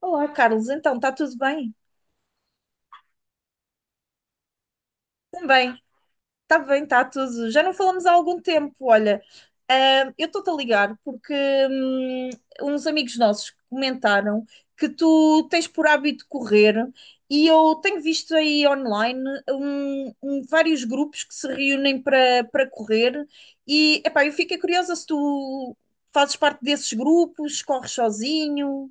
Olá, Carlos. Então, está tudo bem? Também. Está bem, está tudo. Já não falamos há algum tempo. Olha, eu estou-te a ligar porque hum, uns amigos nossos comentaram que tu tens por hábito correr e eu tenho visto aí online vários grupos que se reúnem para correr e, epá, eu fiquei curiosa se tu fazes parte desses grupos, corres sozinho.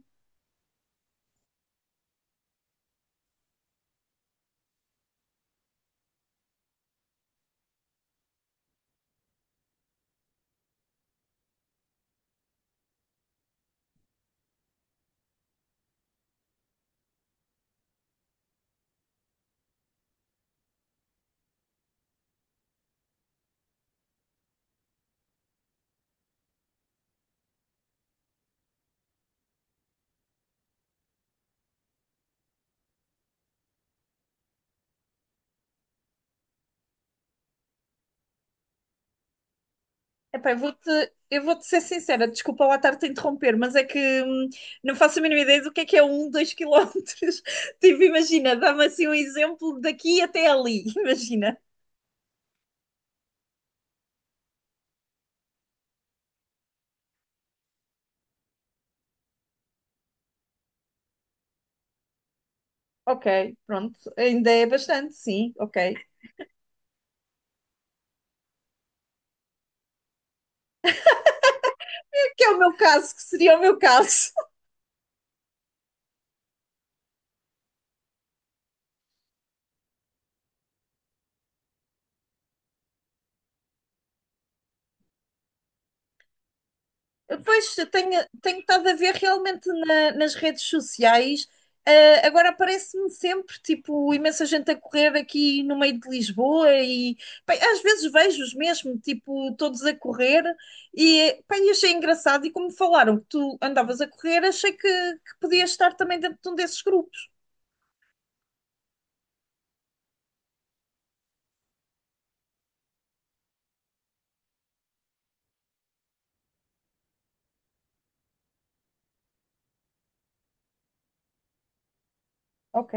Epá, eu vou-te ser sincera, desculpa lá estar-te a interromper, mas é que não faço a mínima ideia do que é um, dois quilómetros. Tipo, imagina, dá-me assim um exemplo daqui até ali, imagina. Ok, pronto, ainda é bastante, sim, ok. Que é o meu caso, que seria o meu caso. Pois, eu tenho estado a ver realmente nas redes sociais. Eh, agora aparece-me sempre, tipo, imensa gente a correr aqui no meio de Lisboa e, pá, às vezes vejo-os mesmo, tipo, todos a correr e, pá, e achei engraçado e como falaram que tu andavas a correr, achei que podias estar também dentro de um desses grupos. Ok.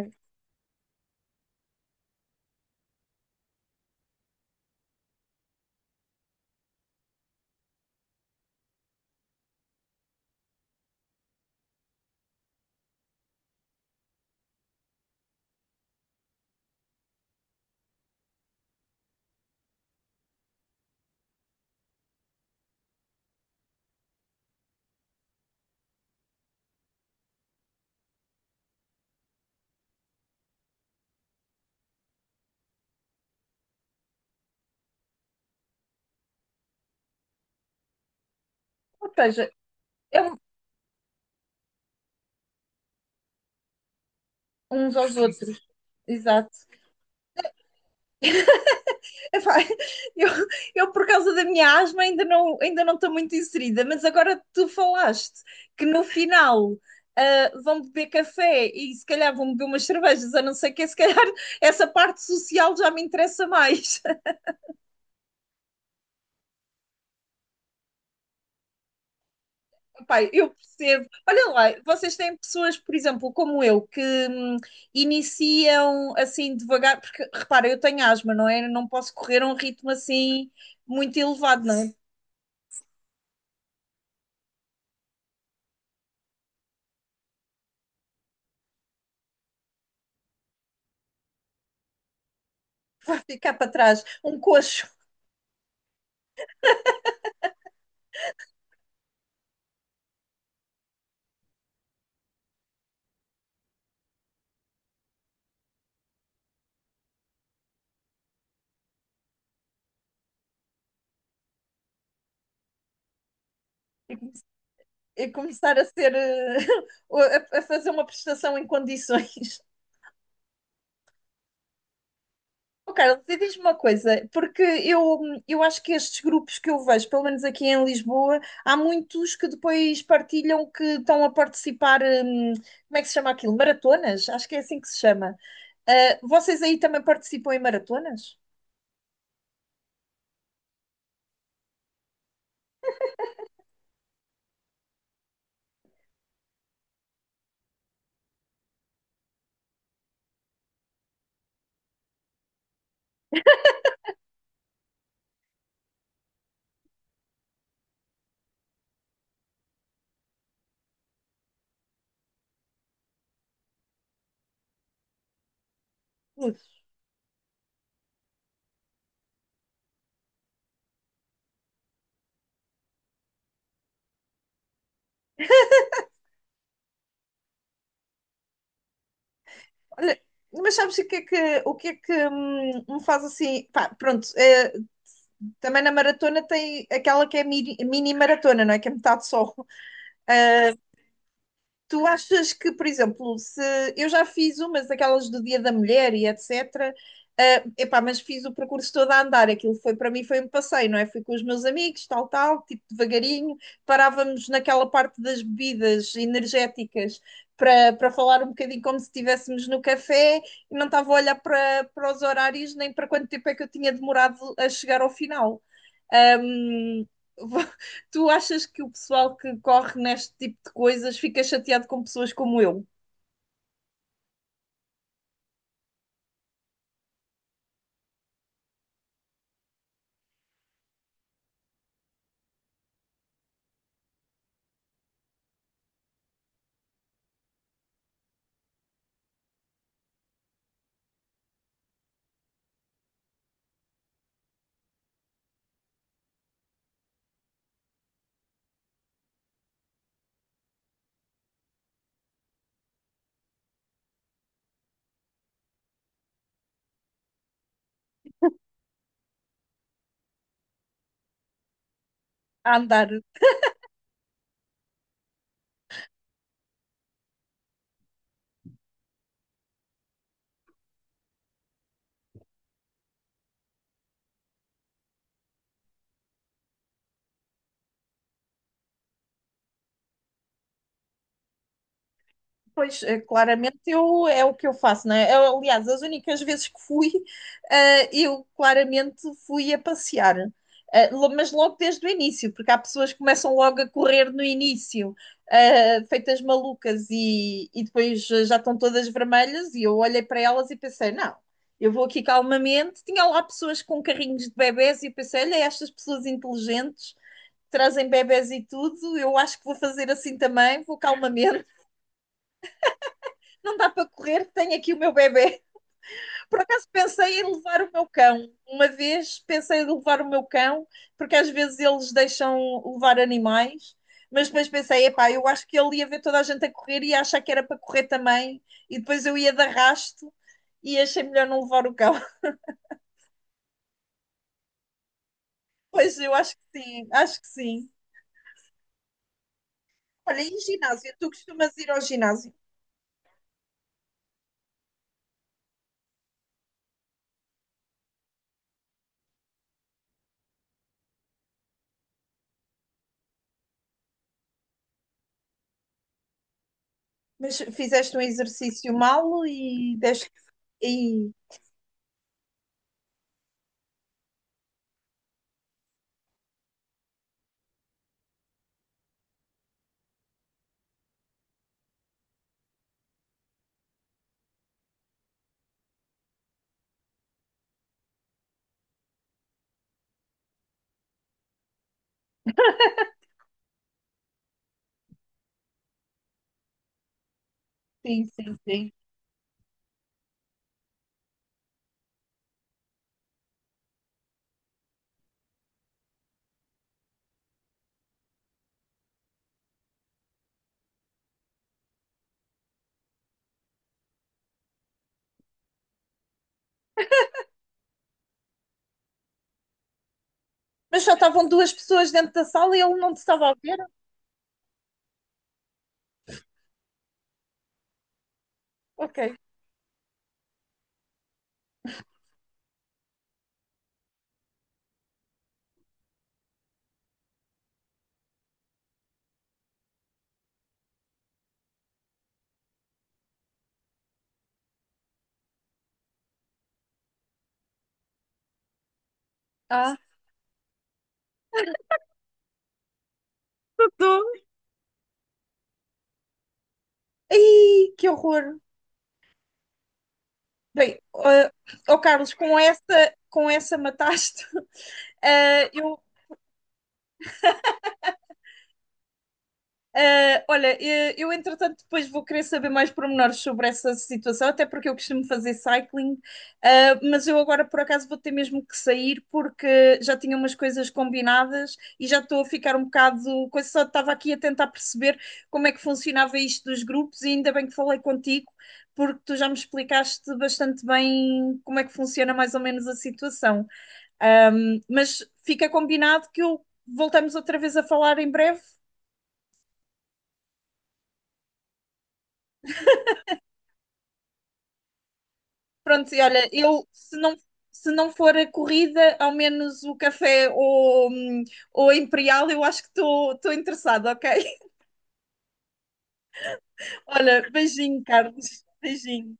Ou seja, é um- uns aos outros. Exato. Epá, eu, eu por causa da minha asma, ainda não estou muito inserida, mas agora tu falaste que no final vão beber café e se calhar vão beber umas cervejas, a não ser que se calhar essa parte social já me interessa mais. Epá, eu percebo. Olha lá, vocês têm pessoas, por exemplo, como eu, que hum, iniciam assim devagar, porque repara, eu tenho asma, não é? Eu não posso correr a um ritmo assim muito elevado, não é? Vai ficar para trás, um coxo. E começar a ser a fazer uma prestação em condições. Oh, Carlos, e diz-me uma coisa, porque eu acho que estes grupos que eu vejo, pelo menos aqui em Lisboa, há muitos que depois partilham que estão a participar, como é que se chama aquilo? Maratonas? Acho que é assim que se chama. Ah, vocês aí também participam em maratonas? Ui. Olha, mas sabes o que é que, o que, é que me faz assim? Pá, pronto, também na maratona tem aquela que é mini, mini maratona, não é? Que é metade só. Tu achas que, por exemplo, se eu já fiz umas daquelas do Dia da Mulher e etc. Mas fiz o percurso todo a andar, aquilo foi para mim foi um passeio, não é? Fui com os meus amigos, tal, tal, tipo devagarinho, parávamos naquela parte das bebidas energéticas para falar um bocadinho como se estivéssemos no café e não estava a olhar para os horários nem para quanto tempo é que eu tinha demorado a chegar ao final. Hum. Tu achas que o pessoal que corre neste tipo de coisas fica chateado com pessoas como eu a andar? Pois, claramente eu, é o que eu faço, não é? Eu, aliás, as únicas vezes que fui, eu claramente fui a passear. Mas logo desde o início, porque há pessoas que começam logo a correr no início, feitas malucas e depois já estão todas vermelhas. E eu olhei para elas e pensei: não, eu vou aqui calmamente. Tinha lá pessoas com carrinhos de bebés e eu pensei: olha, estas pessoas inteligentes trazem bebés e tudo, eu acho que vou fazer assim também, vou calmamente, não dá para correr, tenho aqui o meu bebê. Por acaso pensei em levar o meu cão. Uma vez pensei em levar o meu cão, porque às vezes eles deixam levar animais, mas depois pensei, epá, eu acho que ele ia ver toda a gente a correr e ia achar que era para correr também, e depois eu ia de arrasto e achei melhor não levar o cão. Pois eu acho que sim, acho que sim. Olha, e ginásio? Tu costumas ir ao ginásio, mas fizeste um exercício mal e deste. E... Sim, sim, sim. Mas só estavam duas pessoas dentro da sala e ele não te estava a ver? Ok. Ah. Tô. Ai, que horror. Bem, ó Carlos, com essa mataste. Ah, eu. Ah, olha, eu entretanto depois vou querer saber mais pormenores sobre essa situação, até porque eu costumo fazer cycling, ah, mas eu agora por acaso vou ter mesmo que sair porque já tinha umas coisas combinadas e já estou a ficar um bocado. Coisa, só estava aqui a tentar perceber como é que funcionava isto dos grupos e ainda bem que falei contigo, porque tu já me explicaste bastante bem como é que funciona mais ou menos a situação. Mas fica combinado que eu voltamos outra vez a falar em breve. Pronto, e olha, eu se não, se não for a corrida, ao menos o café ou a Imperial, eu acho que estou interessada, ok? Olha, beijinho, Carlos. Beijinho.